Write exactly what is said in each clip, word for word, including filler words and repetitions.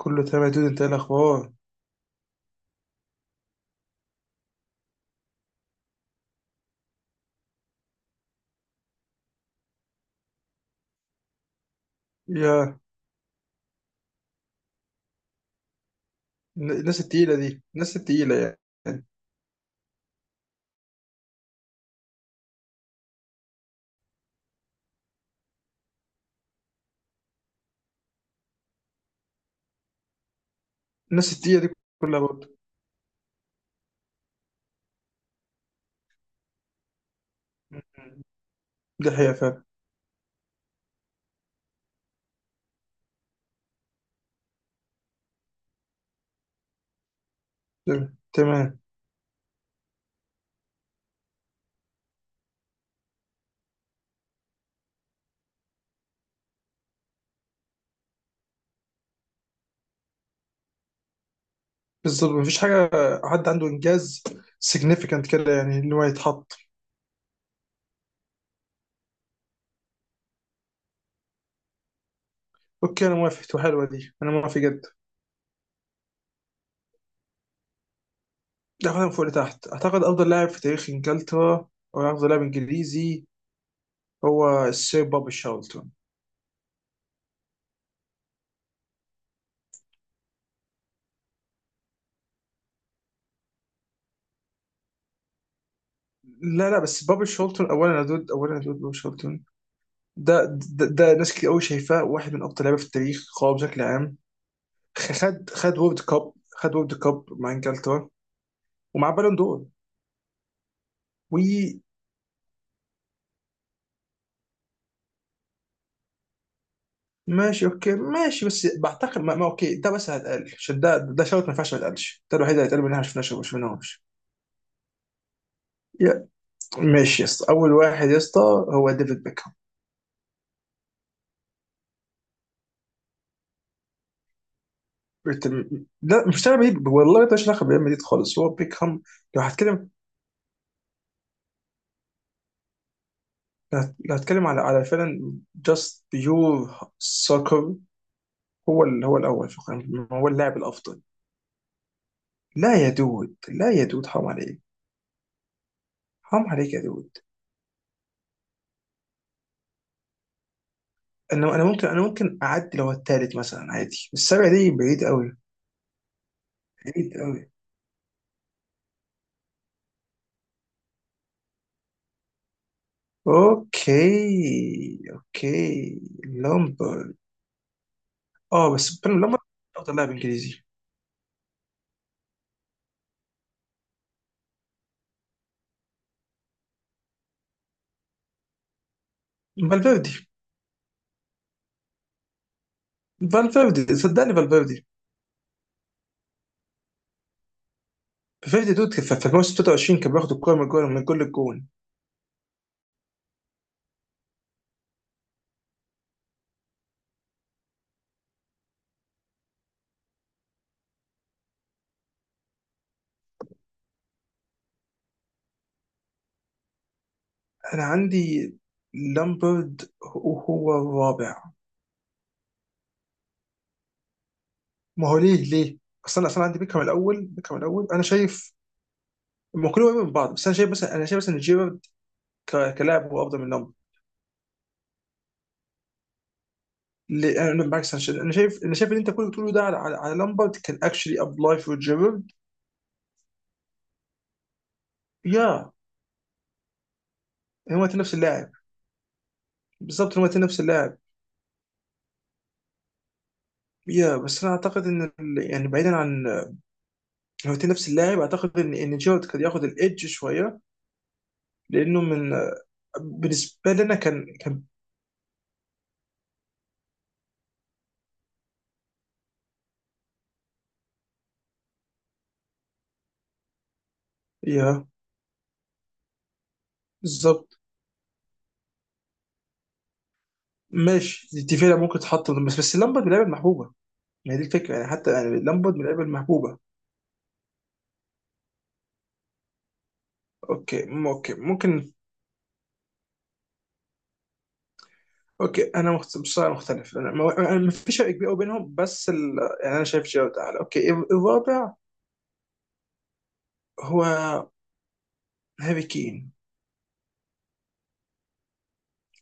كله تمام يا دود، انت ايه الاخبار؟ يا الن- الناس التقيله دي الناس التقيله يعني الناس التقيله دي كلها برضه. مم. دي حقيقه فعلا. تمام تمام. بالظبط مفيش حاجه، حد عنده انجاز significant كده، يعني ان هو يتحط. اوكي انا موافق، تبقى حلوه دي، انا موافق جدا. ناخدها من فوق لتحت. اعتقد افضل لاعب في تاريخ انجلترا، او افضل لاعب انجليزي، هو السير بوبي شارلتون. لا لا، بس بوبي شارلتون اولا يا دود، اولا يا دود بوبي شارلتون. ده ده, ده ناس كتير قوي شايفاه واحد من اقوى لعيبه في التاريخ، قوي بشكل عام. خد خد وورد كاب، خد وورد كاب مع انجلترا ومع بالون دور. وماشي اوكي ماشي، بس بعتقد ما, ما اوكي، ده بس هيتقل عشان ده، ده شرط، ما ينفعش ما يتقلش، ده الوحيد اللي هيتقل منها، ما شفناش ما شفناهوش. يا- ماشي يا اسطى، اول واحد يا اسطى هو ديفيد بيكهام. قلت م- لا مش ريال مدريد والله، ده مش علاقه بريال مدريد خالص، هو بيكهام. لو هتكلم، لو هت- لو هتكلم على على فعلا جاست بيور سوكر، هو ال... هو الأول، شكرا، هو اللاعب الأفضل. لا يا دود، لا يا دود، حرام عليك. حرام عليك يا دود. أنا أنا ممكن، أنا ممكن أعدي لو التالت مثلا، عادي، السبعة دي بعيد أوي، بعيد أوي. أوكي أوكي لامبر أه بس بن- لامبر أفضل لاعب إنجليزي. فالفيردي. فالفيردي صدقني، فالفيردي. فالفيردي دود كان في في الموسم ثلاثه وعشرين كان بياخد الكورة من الجول، من كل الجون. أنا عندي لامبرد هو، هو الرابع. ما هو ليه ليه؟ اصل انا اصلا عندي بيكهام الاول، بيكهام الاول انا شايف. هم كلهم قريبين من بعض، بس انا شايف مثلا، انا شايف مثلا جيرارد ك- كلاعب هو افضل من لامبرد. ليه؟ انا بالعكس، انا شايف انا شايف أنا شايف اللي انت كله بتقوله ده على على, على لامبرد، كان اكشلي ابلاي فور جيرارد. يا هما الاتنين نفس اللاعب. بالظبط، هما الاتنين نفس اللاعب. يا بس انا اعتقد ان ال- يعني، بعيدا عن، هو الاتنين نفس اللاعب، اعتقد ان ان جيرارد كان ياخد الايدج شويه، لانه من، بالنسبه لنا كان كان. يا. بالظبط. ماشي دي فعلا ممكن تتحط، بس بس لامبرد من اللعيبه المحبوبه. ما هي دي الفكره يعني، حتى يعني لامبرد من اللعيبه المحبوبه. اوكي م- اوكي ممكن. اوكي انا مخت- بصراحه مختلف، انا ما أنا- ما في فرق كبير قوي بينهم، بس ال... يعني انا شايف جيرارد اعلى. اوكي ال- الرابع هو هاري كين.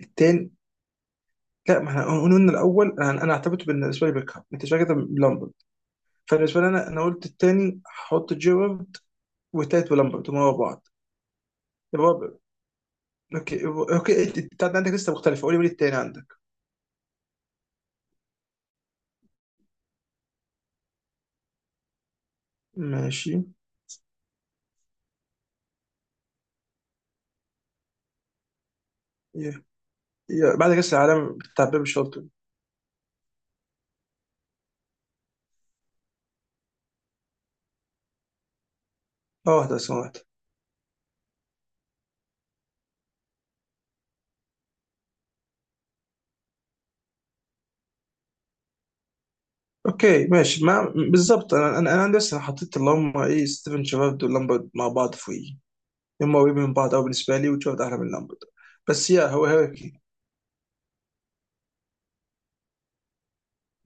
التاني، لا ما احنا قلنا الاول، انا انا اعتبرته بالنسبه لي بيكهام، انت شايف كده لامبرد، فبالنسبه لي انا انا قلت التاني هحط جيرارد، والتالت ولامبرد هم ورا بعض. الرابع. اوكي اوكي انت، أنت عندك لسه مختلفه، قولي قولي التاني عندك. ماشي. يا- يا- بعد كاس العالم بتاع بيب شولت، اه ده سمعت. اوكي ماشي ما، بالظبط، انا انا انا لسه حطيت اللي هم ايه، ستيفن شيرارد ولامبرد مع بعض في، هم قريبين من بعض قوي بالنسبه لي، وشيرارد احلى من لامبرد. بس يا، هو هاري كين.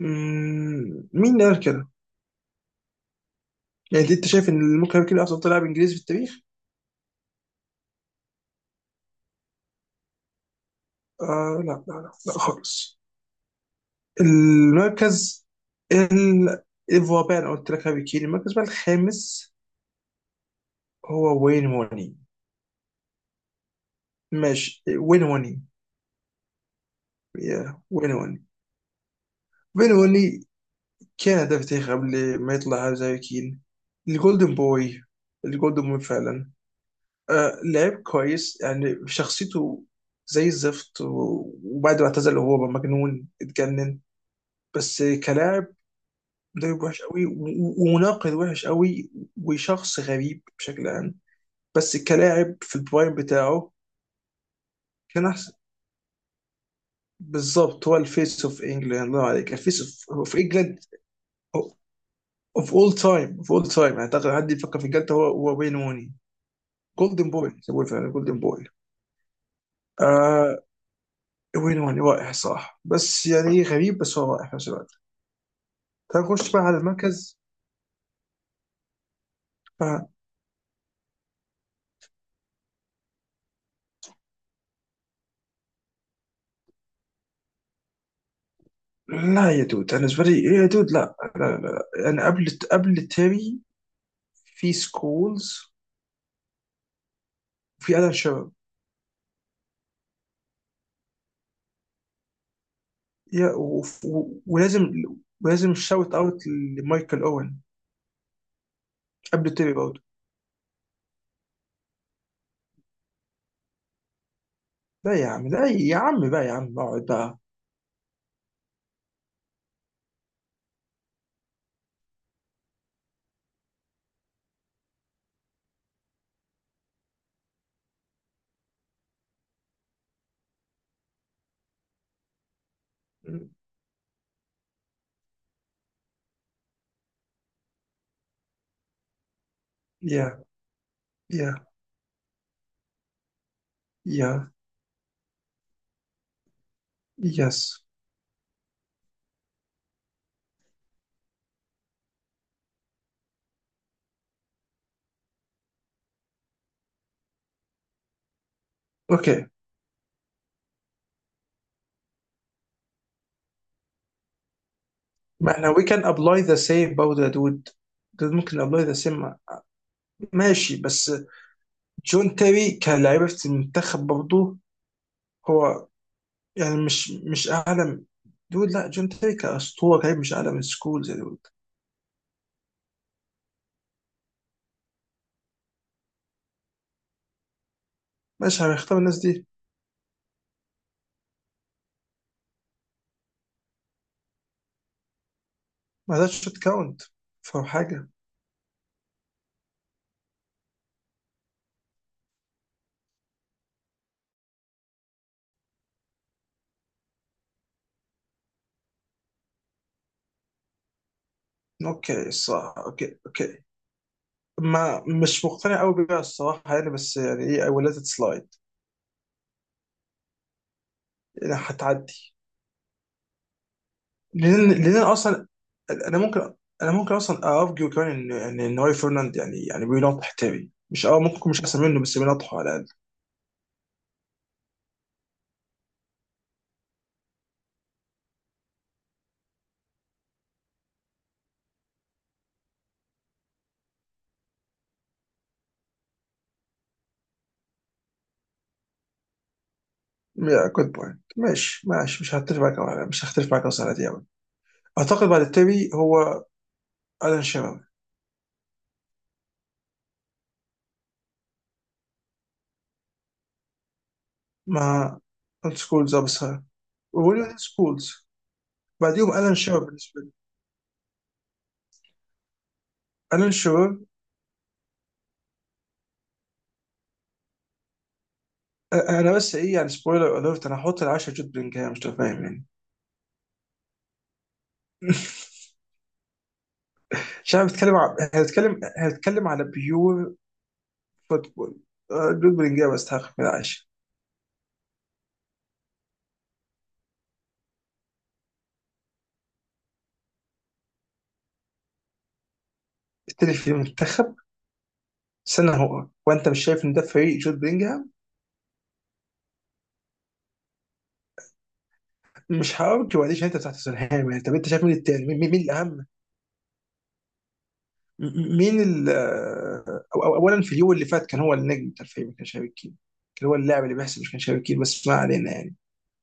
مم، مين اللي قال كده؟ يعني انت شايف ان ممكن هاري كين افضل لاعب انجليزي في التاريخ؟ آه لا لا لا, لا خالص. المركز، ال الرابع انا قلت لك هاري كين، المركز بقى الخامس هو وين هوني. ماشي وين هوني، يا وين هوني، بينوني، كان ده في قبل ما يطلع زي كين. الجولدن بوي، الجولدن بوي فعلا. آه لعب كويس، يعني شخصيته زي الزفت، و- وبعد ما اعتزل هو بقى مجنون، اتجنن. بس كلاعب، مدرب وحش قوي، و- و- ومناقد وحش قوي، وشخص غريب بشكل عام. بس كلاعب في البرايم بتاعه كان احسن. بالظبط، هو الفيس اوف انجلاند، الله عليك، الفيس اوف انجلاند. اوف اول تايم، اوف اول تايم اعتقد حد يفكر في الجلد، هو هو وين روني. جولدن بوي سموه، فعلا جولدن بوي. آه وين، وين رائع صح، بس يعني إيه، غريب، بس هو رائع في نفس الوقت. تخش بقى على المركز. آه لا يا دود، انا بالنسبه لي إيه يا دود، لا لا لا, لا. انا قبل، قبل تيري في سكولز وفي الان شيرر. يا وف- و- ولازم، ولازم شاوت اوت لمايكل اوين قبل تيري برضه. لا يا عم، لا يا عم بقى، يا عم اقعد بقى. يا يا يا يس اوكي، ما احنا we can apply the same about the dude، ده ممكن ابلاي ذا سيم. ماشي بس جون تيري كلاعب في المنتخب برضه هو، يعني مش مش اعلى، دول لا جون تيري كاسطوره لعيب، مش اعلى من سكولز يا دود. ماشي هنختار الناس دي. ما ذاتش تكاونت. فاهم حاجه. اوكي الصراحه، اوكي اوكي ما، مش مقتنع قوي بيها الصراحه يعني، بس يعني ايه I will let it slide، يعني هتعدي. لان لان أنا اصلا، انا ممكن، انا ممكن اصلا ارجو كمان ان ان إن هو فرناند يعني، يعني بينطح تاني مش، اه ممكن يكون مش احسن منه، بس بينطحه على الاقل، جود بوينت. ماشي ماشي، مش هختلف معاك أوي، مش هختلف معاك اصلا على دي أوي. اعتقد بعد التابي هو الان شيرر، مع سكولز ابصر، وويليام سكولز. بعديهم الان شيرر بالنسبه لي. الان شيرر. أ- انا بس ايه يعني، سبويلر اليرت، انا هحط العشرة جود بلينجهام، مش فاهم يعني. مش عارف، بتكلم ع- هنتكلم هنتكلم على بيور فوتبول. آه، جود بلينجهام يستحق من العاشر. التاني في المنتخب. سنة، هو وانت مش شايف ان ده فريق جود بلينجهام؟ مش هارجو عليه عشان انت بتاع توتنهام يعني، طب انت شايف مين التاني، مين, مين مين الاهم؟ م- م- مين ال، آه، أو أو اولا في اليوم اللي فات كان هو النجم بتاع الفريق، ما كانش هاري كين، كان هو اللاعب اللي بيحسب مش كان هاري كين، بس ما علينا يعني.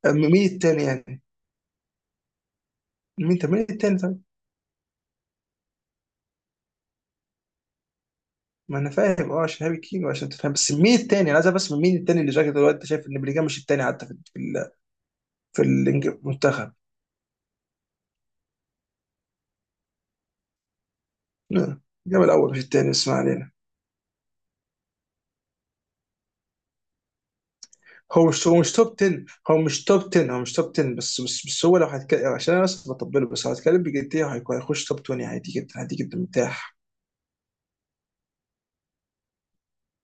آه، م- مين التاني يعني، مين، طب مين التاني طيب. ما انا فاهم اه عشان هاري كين وعشان توتنهام، بس مين التاني انا عايز أعرف، بس مين التاني اللي شايف دلوقتي؟ انت شايف ان بلينجهام مش التاني حتى في ال- في ال- في الإنج- المنتخب؟ لا، جاب الاول مش التاني، بس ما علينا. هو مش هو مش توب عشره هو مش توب عشره، هو مش توب عشره بس بس بس هو لو هيتكلم عشان انا بس بطبله، بس لو هيتكلم بجديه هيكون هيخش توب عشرين عادي جدا، عادي جدا مرتاح.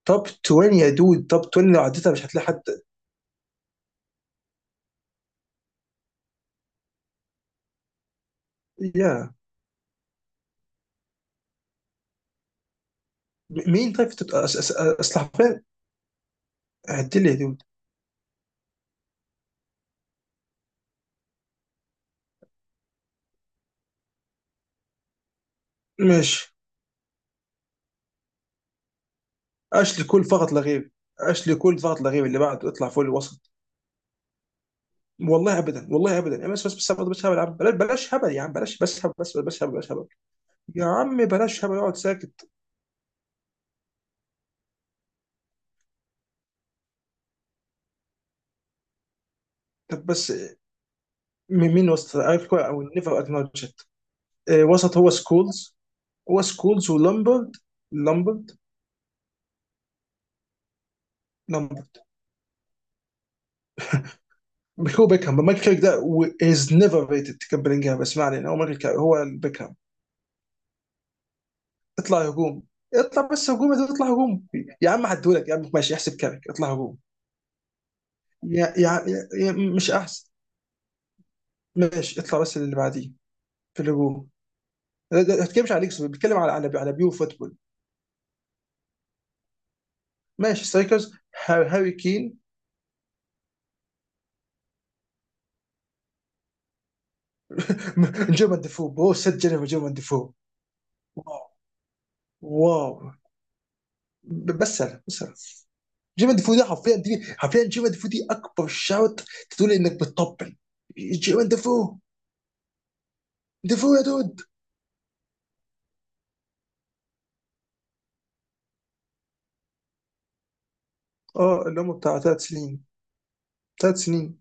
توب عشرين يا دود، توب عشرين لو عديتها مش هتلاقي حد. يا م- مين طيب في التوب- أس- أس- اصل حرفيا، عدي لي يا دود. ماشي. اشلي كول فقط لا غير، اشلي كول فقط لا غير اللي بعده، اطلع فوق الوسط. والله ابدا، والله ابدا، بس بس بس بس هبل يا عم، بلاش بلاش هبل يا عم، بلاش، بس هبل، بس بس هبل، بس هبل. يا عم بلاش هبل، اقعد ساكت. طب بس مين، مين وسط عارف كويس او نيفر اكنولجد؟ وسط هو سكولز، هو سكولز ولامبرد. لامبرد، لامبرد. مش، هو بيكهام، مايكل كاريك ده، از نيفر ريتد، كان بلينجهام، اسمع لي هو مايكل كاريك، هو بيكهام. اطلع هجوم، اطلع بس هجوم يا دود، اطلع هجوم. يا عم هدولك يا عم، ماشي احسب كاريك، اطلع هجوم. يا يا, يا مش احسن. ماشي، اطلع بس اللي بعديه في الهجوم. ده- ده- ما بتتكلمش على ليكس، بيتكلم على على على بيو فوتبول. ماشي سترايكرز، هاري كين. نجوم ديفو، بو سجل نجوم ديفو. واو واو، بس انا بس انا نجوم ديفو، ده حرفيا، دي حرفيا نجوم ديفو، دي اكبر شوت تقول انك بتطبل. نجوم ديفو. ديفو يا دود. اه اللي هم بتاع ثلاث سنين، ثلاث سنين.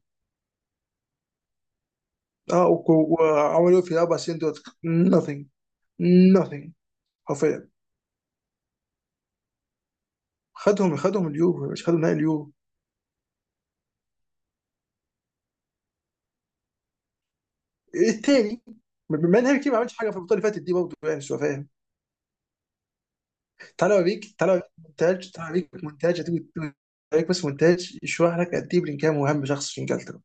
اه وك- وعملوا إيه في اربع سنين دول؟ nothing، nothing. حرفيا. خدهم، خدهم اليورو، مش خدهم نهائي اليورو التاني؟ بما ان هاري كين ما عملش حاجه في البطوله اللي فاتت دي برضه يعني شويه، طلع بيك، طلع بيك مونتاج طلع بيك مونتاج هتيجي تقول، طلع بيك بس مونتاج يشرح لك قد ايه بلينجهام مهم شخص في انجلترا.